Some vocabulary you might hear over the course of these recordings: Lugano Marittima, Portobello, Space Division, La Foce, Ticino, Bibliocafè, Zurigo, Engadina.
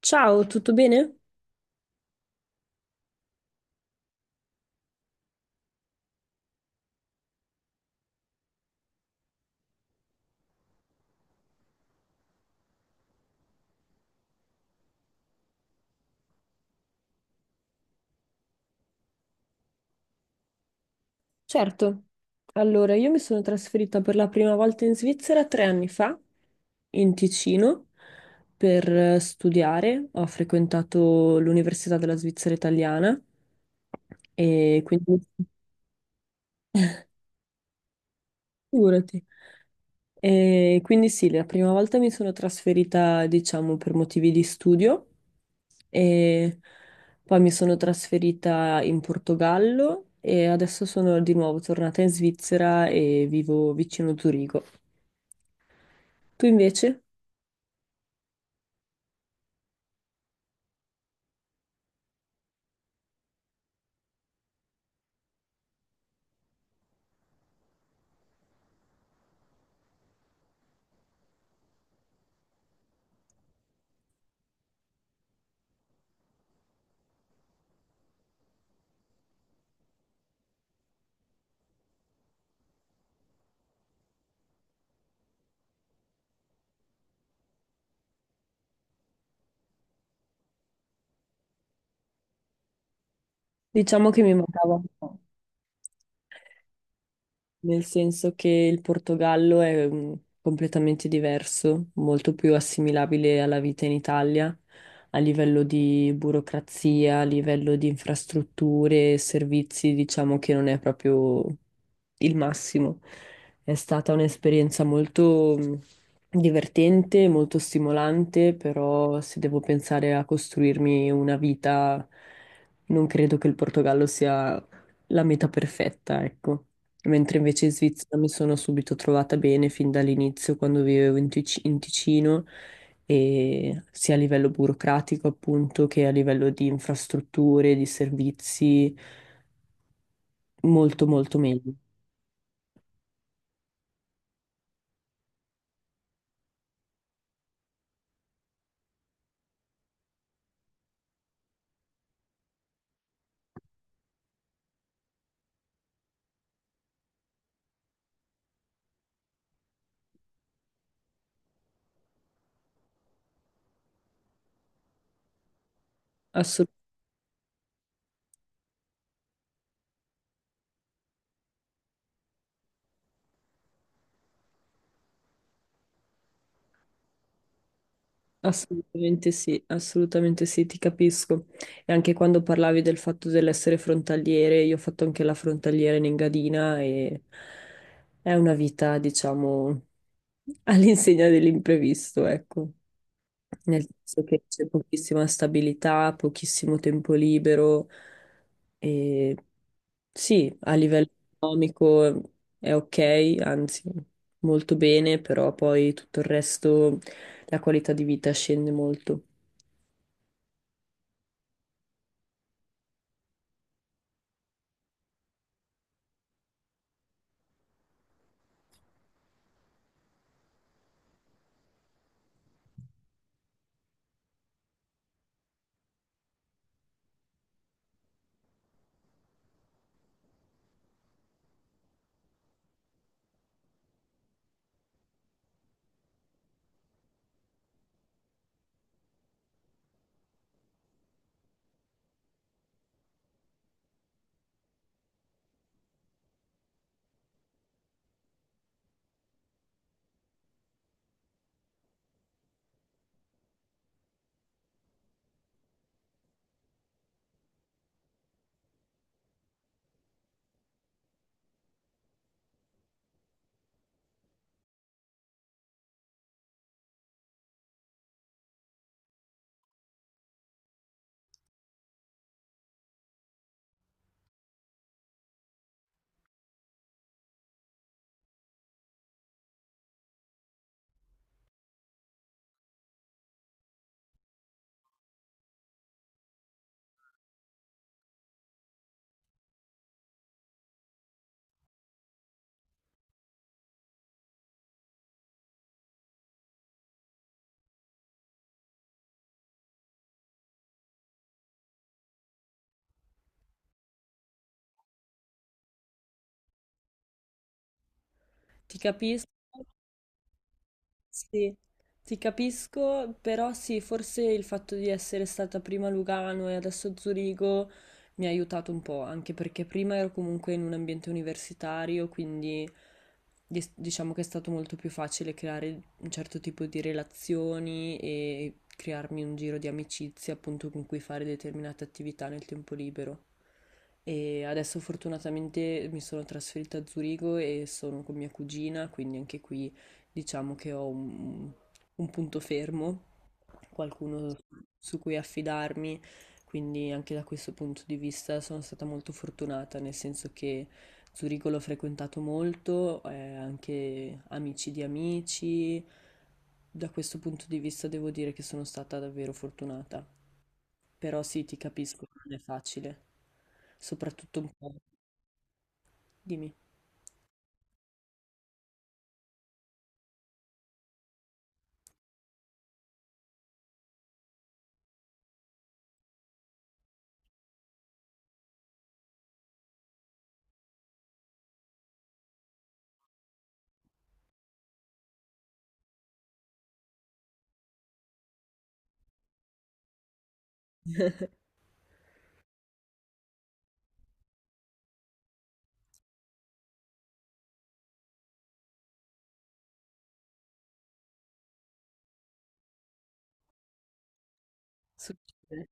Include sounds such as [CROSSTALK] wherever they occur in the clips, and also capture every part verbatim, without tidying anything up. Ciao, tutto bene? Certo. Allora, io mi sono trasferita per la prima volta in Svizzera tre anni fa, in Ticino, per eh, studiare. Ho frequentato l'Università della Svizzera Italiana e quindi figurati. E quindi sì, la prima volta mi sono trasferita, diciamo, per motivi di studio e poi mi sono trasferita in Portogallo e adesso sono di nuovo tornata in Svizzera e vivo vicino Zurigo. Tu invece? Diciamo che mi mancava un po', nel senso che il Portogallo è mm, completamente diverso, molto più assimilabile alla vita in Italia, a livello di burocrazia, a livello di infrastrutture e servizi. Diciamo che non è proprio il massimo. È stata un'esperienza molto mm, divertente, molto stimolante, però se devo pensare a costruirmi una vita, non credo che il Portogallo sia la meta perfetta, ecco. Mentre invece in Svizzera mi sono subito trovata bene fin dall'inizio quando vivevo in Tic- in Ticino, e sia a livello burocratico appunto che a livello di infrastrutture, di servizi, molto molto meglio. Assu- Assolutamente sì, assolutamente sì, ti capisco. E anche quando parlavi del fatto dell'essere frontaliere, io ho fatto anche la frontaliera in Engadina, e è una vita, diciamo, [LAUGHS] all'insegna dell'imprevisto, ecco. Nel senso che c'è pochissima stabilità, pochissimo tempo libero, e sì, a livello economico eh, è ok, anzi molto bene, però poi tutto il resto, la qualità di vita scende molto. Ti capisco. Sì, ti capisco, però sì, forse il fatto di essere stata prima a Lugano e adesso a Zurigo mi ha aiutato un po', anche perché prima ero comunque in un ambiente universitario, quindi dis- diciamo che è stato molto più facile creare un certo tipo di relazioni e crearmi un giro di amicizie appunto con cui fare determinate attività nel tempo libero. E adesso fortunatamente mi sono trasferita a Zurigo e sono con mia cugina, quindi anche qui diciamo che ho un, un punto fermo, qualcuno su cui affidarmi, quindi anche da questo punto di vista sono stata molto fortunata, nel senso che Zurigo l'ho frequentato molto, eh, anche amici di amici. Da questo punto di vista devo dire che sono stata davvero fortunata. Però sì, ti capisco, non è facile, soprattutto un po'. Dimmi. Succede.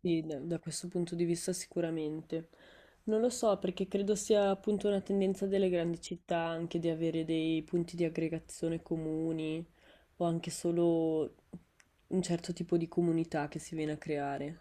Sì, da, da questo punto di vista sicuramente. Non lo so, perché credo sia appunto una tendenza delle grandi città anche di avere dei punti di aggregazione comuni o anche solo un certo tipo di comunità che si viene a creare.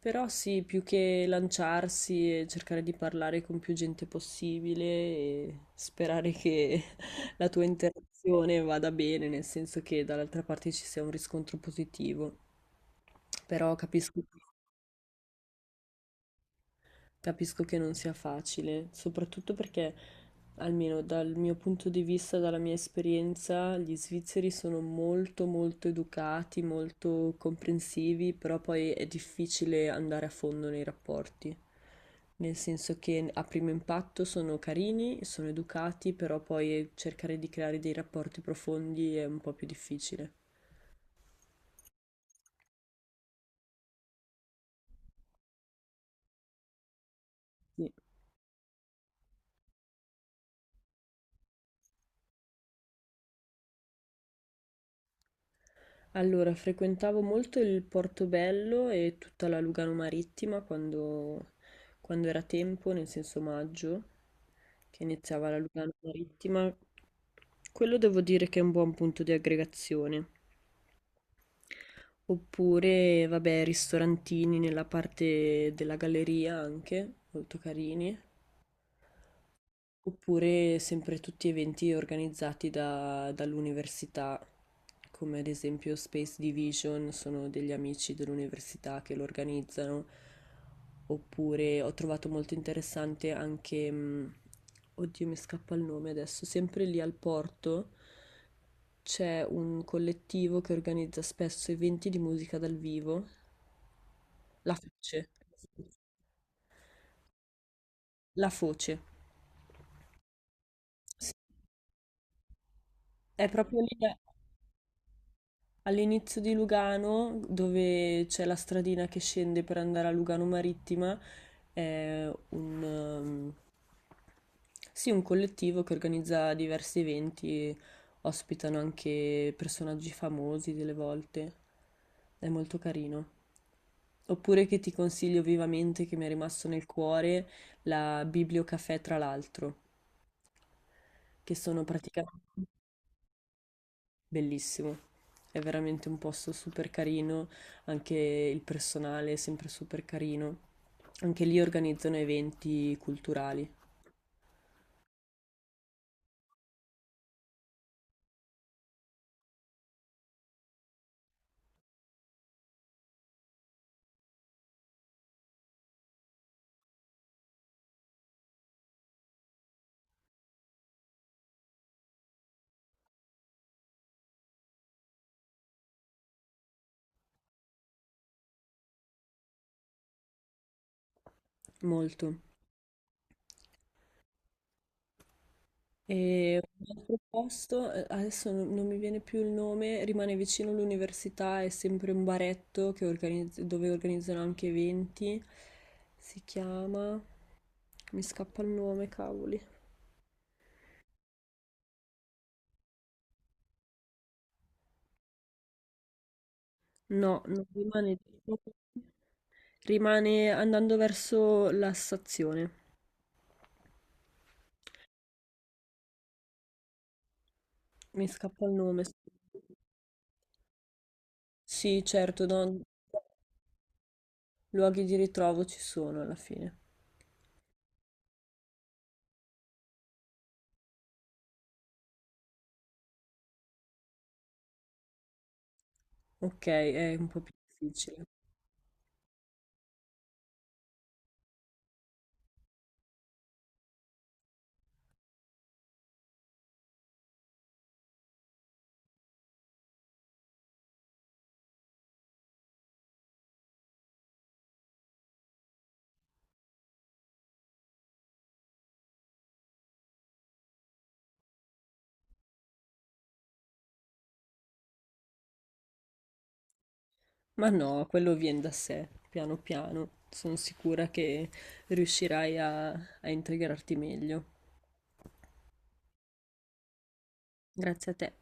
Però sì, più che lanciarsi e cercare di parlare con più gente possibile e sperare che [LAUGHS] la tua interazione vada bene, nel senso che dall'altra parte ci sia un riscontro positivo. Però capisco. Capisco che non sia facile, soprattutto perché, almeno dal mio punto di vista, dalla mia esperienza, gli svizzeri sono molto molto educati, molto comprensivi, però poi è difficile andare a fondo nei rapporti. Nel senso che a primo impatto sono carini, sono educati, però poi cercare di creare dei rapporti profondi è un po' più difficile. Sì. Allora, frequentavo molto il Portobello e tutta la Lugano Marittima quando, quando era tempo, nel senso maggio, che iniziava la Lugano Marittima. Quello devo dire che è un buon punto di aggregazione. Oppure, vabbè, ristorantini nella parte della galleria anche, molto carini. Oppure sempre tutti eventi organizzati da- dall'università, come ad esempio Space Division, sono degli amici dell'università che lo organizzano. Oppure ho trovato molto interessante anche, mh, oddio mi scappa il nome adesso, sempre lì al porto c'è un collettivo che organizza spesso eventi di musica dal vivo, La Foce. La Foce. Sì, è proprio lì, all'inizio di Lugano, dove c'è la stradina che scende per andare a Lugano Marittima. È un, ehm, sì, un collettivo che organizza diversi eventi, ospitano anche personaggi famosi delle volte, è molto carino. Oppure che ti consiglio vivamente, che mi è rimasto nel cuore, la Bibliocafè tra l'altro, che sono praticamente... Bellissimo. È veramente un posto super carino, anche il personale è sempre super carino. Anche lì organizzano eventi culturali, molto. E un altro posto, eh, adesso non non mi viene più il nome, rimane vicino all'università, è sempre un baretto che organizz- dove organizzano anche eventi. Si chiama... Mi scappa il nome, cavoli. No, no, rimane... Rimane andando verso la stazione. Mi scappa il nome. Sì, certo, no, luoghi di ritrovo ci sono alla fine. Ok, è un po' più difficile. Ma no, quello viene da sé, piano piano. Sono sicura che riuscirai a, a integrarti meglio. Grazie a te.